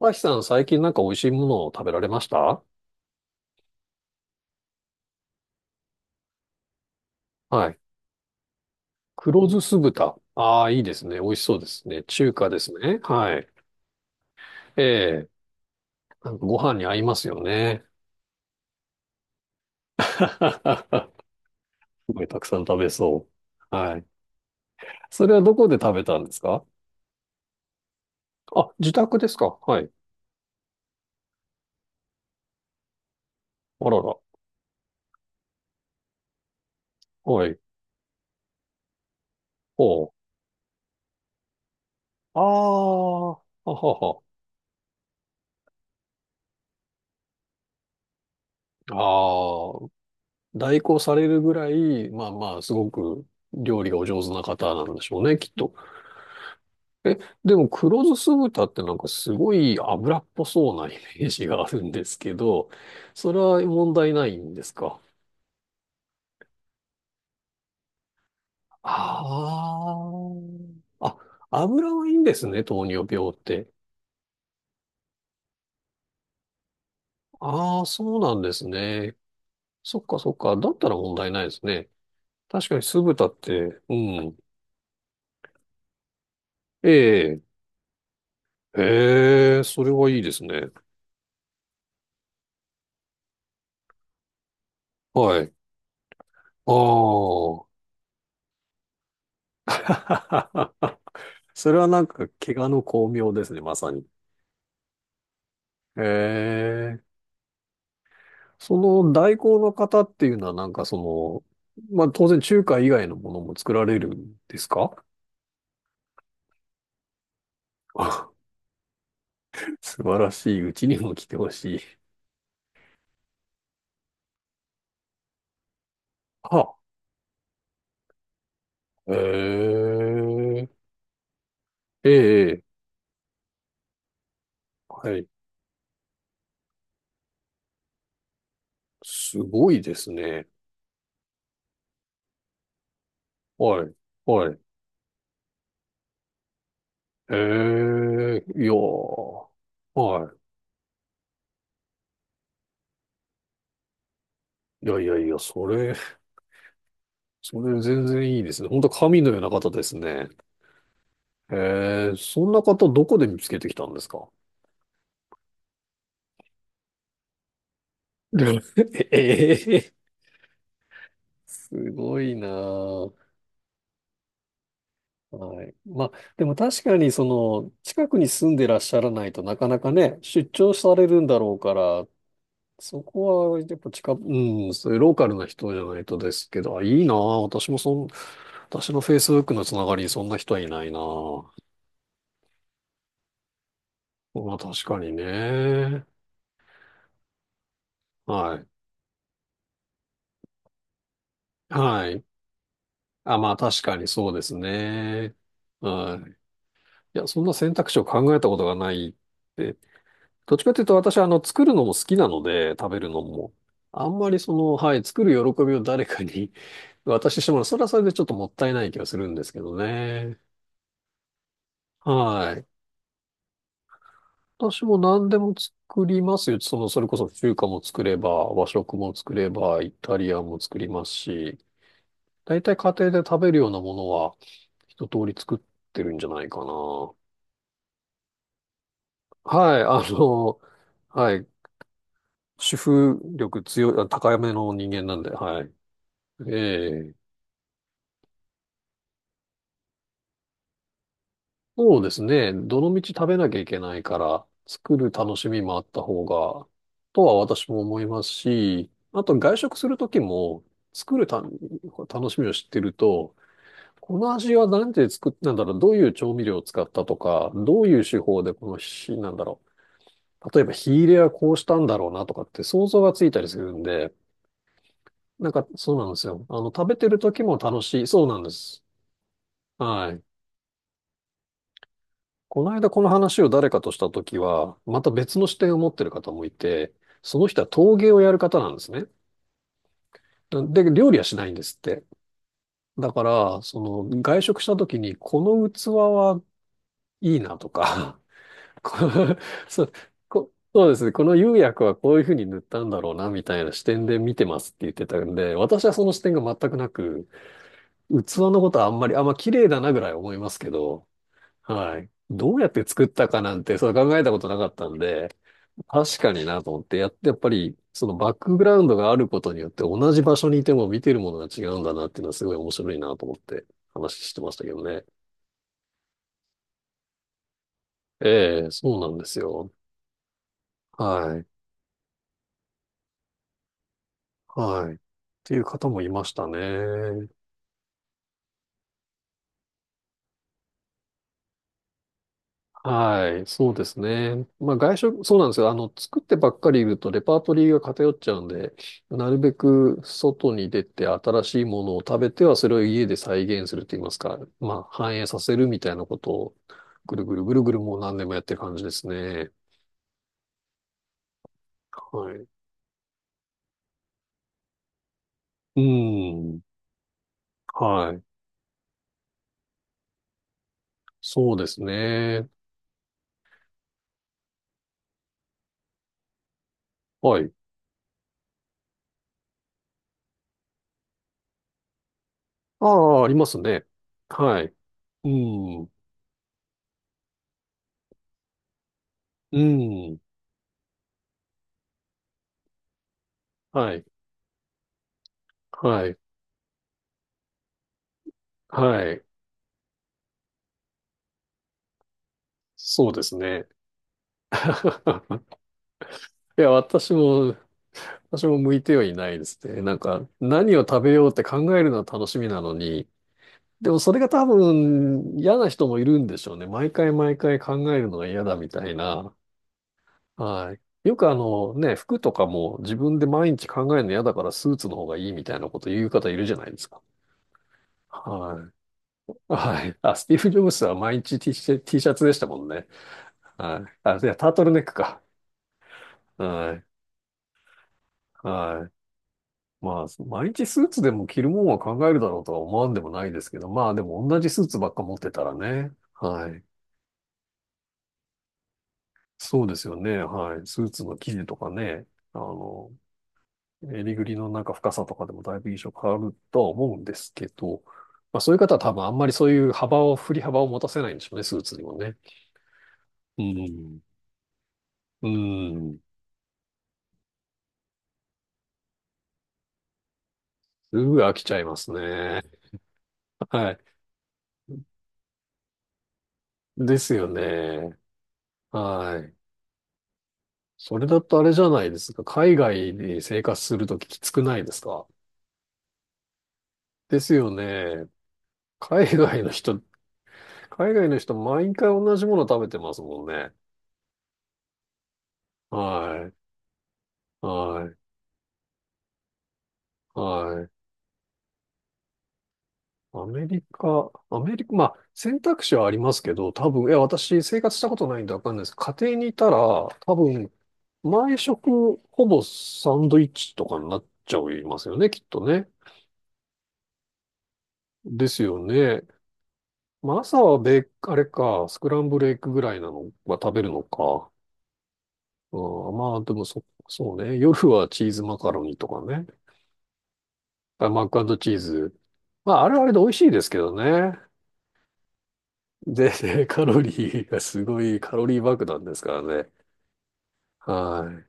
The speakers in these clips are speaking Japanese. マキさん、最近なんか美味しいものを食べられました？はい。黒酢酢豚。ああ、いいですね。美味しそうですね。中華ですね。はい。ええ、なんかご飯に合いますよね。すごいたくさん食べそう。はい。それはどこで食べたんですか？あ、自宅ですか？はい。あらら。はい。ほう。ああ、ははは。ああ、代行されるぐらい、まあまあ、すごく料理がお上手な方なんでしょうね、きっと。え、でも黒酢酢豚ってすごい油っぽそうなイメージがあるんですけど、それは問題ないんですか？ああ。あ、油はいいんですね、糖尿病って。ああ、そうなんですね。そっかそっか。だったら問題ないですね。確かに酢豚って、うん。ええ、ええ、それはいいですね。はい。ああ。それはなんか怪我の巧妙ですね、まさに。ええ。その代行の方っていうのはなんかその、まあ当然中華以外のものも作られるんですか？あ 素晴らしい。うちにも来てほしい。あ、ええええ、はい。すごいですね。はい、はい。ええいやー、はい。いやいやいや、それ、それ全然いいですね。本当神のような方ですね。ええ、そんな方どこで見つけてきたんですか？ ええすごいなぁ。はい。まあ、でも確かにその、近くに住んでらっしゃらないとなかなかね、出張されるんだろうから、そこはやっぱ近く、うん、そういうローカルな人じゃないとですけど、あ、いいなぁ。私もそん、私の Facebook のつながりにそんな人はいないなぁ。まあ確かにね。はい。はい。あ、まあ確かにそうですね。はい。いや、そんな選択肢を考えたことがないって。どっちかというと私はあの作るのも好きなので食べるのも。あんまりその、はい、作る喜びを誰かに 渡してしまうのは。それはそれでちょっともったいない気がするんですけどね。はい。私も何でも作りますよ。その、それこそ中華も作れば、和食も作れば、イタリアンも作りますし、大体家庭で食べるようなものは一通り作ってるんじゃないかな。はい、あの、はい、主婦力強い、あ高めの人間なんで、はい。ええ、そうですね。どの道食べなきゃいけないから、作る楽しみもあった方が、とは私も思いますし、あと外食するときも、作るた楽しみを知ってると、この味は何で作っなんだろう、どういう調味料を使ったとか、どういう手法でこの火、なんだろう、例えば火入れはこうしたんだろうなとかって想像がついたりするんで、なんかそうなんですよ。あの、食べてるときも楽しい。そうなんです。はい。この間この話を誰かとしたときは、また別の視点を持ってる方もいて、その人は陶芸をやる方なんですね。で、料理はしないんですって。だから、その外食したときに、この器はいいなとか、このそうこそうですね、この釉薬はこういうふうに塗ったんだろうな、みたいな視点で見てますって言ってたんで、私はその視点が全くなく、器のことはあんまり、あ、まあ綺麗だなぐらい思いますけど、はい。どうやって作ったかなんて、そう考えたことなかったんで、確かになと思って、やって、やっぱり、そのバックグラウンドがあることによって同じ場所にいても見てるものが違うんだなっていうのはすごい面白いなと思って話してましたけどね。ええ、そうなんですよ。はい。はい。っていう方もいましたね。はい、そうですね。まあ外食、そうなんですよ。あの、作ってばっかりいるとレパートリーが偏っちゃうんで、なるべく外に出て新しいものを食べてはそれを家で再現すると言いますか、まあ反映させるみたいなことをぐるぐるぐるぐるもう何年もやってる感じですね。はい。うん。はい。そうですね。はい。ああ、ありますね。はい。うん。うん。はい。はい。はい。そうですね。いや、私も、私も向いてはいないですね。なんか、何を食べようって考えるのは楽しみなのに、でもそれが多分嫌な人もいるんでしょうね。毎回毎回考えるのが嫌だみたいな。はい。よくあのね、服とかも自分で毎日考えるの嫌だからスーツの方がいいみたいなこと言う方いるじゃないですか。はい。はい。あ、スティーブ・ジョブズは毎日 T シャツ、T シャツでしたもんね。はい。あ、いや、タートルネックか。はい。はい。まあ、毎日スーツでも着るもんは考えるだろうとは思わんでもないですけど、まあでも同じスーツばっか持ってたらね。はい。そうですよね。はい。スーツの生地とかね、あの、襟ぐりのなんか深さとかでもだいぶ印象変わるとは思うんですけど、まあそういう方は多分あんまりそういう幅を、振り幅を持たせないんでしょうね、スーツにもね。うん。うん。すぐ飽きちゃいますね。はい。ですよね。はい。それだとあれじゃないですか。海外に生活するとききつくないですか？ですよね。海外の人、海外の人毎回同じもの食べてますもんね。はい。はい。はい。アメリカ、アメリカ、まあ選択肢はありますけど、多分、いや、私生活したことないんでわかんないです。家庭にいたら、多分、毎食ほぼサンドイッチとかになっちゃいますよね、きっとね。ですよね。まあ、朝はべ、あれか、スクランブルエッグぐらいなのは食べるのか。うん、まあ、でもそ、そうね。夜はチーズマカロニとかね。あマックチーズ。まあ、あれはあれで美味しいですけどね。で、ね カロリーがすごいカロリー爆弾ですからね。は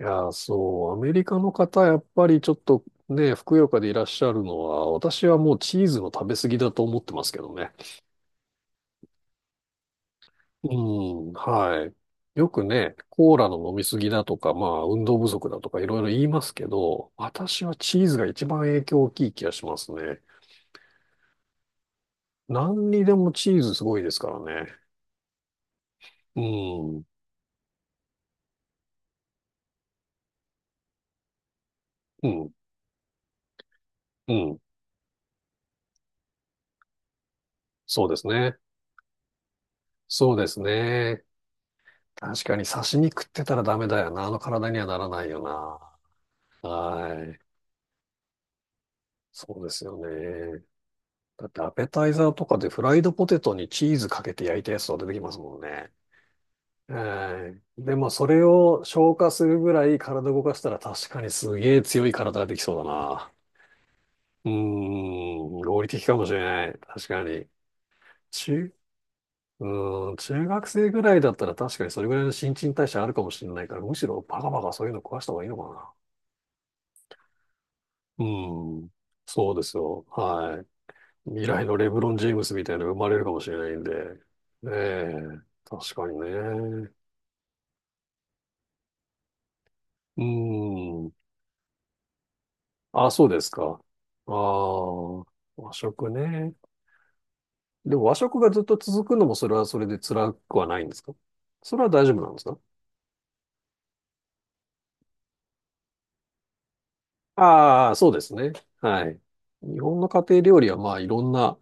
い。いや、そう、アメリカの方、やっぱりちょっとね、ふくよかでいらっしゃるのは、私はもうチーズの食べ過ぎだと思ってますけどね。うん、はい。よくね、コーラの飲みすぎだとか、まあ、運動不足だとかいろいろ言いますけど、私はチーズが一番影響大きい気がしますね。何にでもチーズすごいですからね。うん、うん、うん。そうですね。そうですね。確かに刺身食ってたらダメだよな。あの体にはならないよな。はい。そうですよね。だってアペタイザーとかでフライドポテトにチーズかけて焼いたやつとか出てきますもんね。えーでもそれを消化するぐらい体動かしたら確かにすげえ強い体ができそうだな。うーん、合理的かもしれない。確かに。中、うーん、中学生ぐらいだったら確かにそれぐらいの新陳代謝あるかもしれないから、むしろバカバカそういうの壊した方がいいのかな。うーん、そうですよ。はい。未来のレブロン・ジェームスみたいなの生まれるかもしれないんで。ねえ、確かにね。うーん。あ、そうですか。ああ、和食ね。でも和食がずっと続くのもそれはそれで辛くはないんですか？それは大丈夫なんですか？ああ、そうですね。はい。日本の家庭料理はまあいろんな、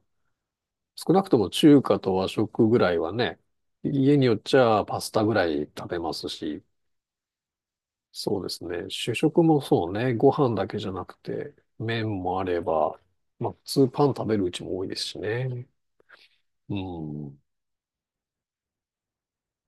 少なくとも中華と和食ぐらいはね、家によっちゃパスタぐらい食べますし、そうですね。主食もそうね。ご飯だけじゃなくて、麺もあれば、まあ普通パン食べるうちも多いですしね。うん。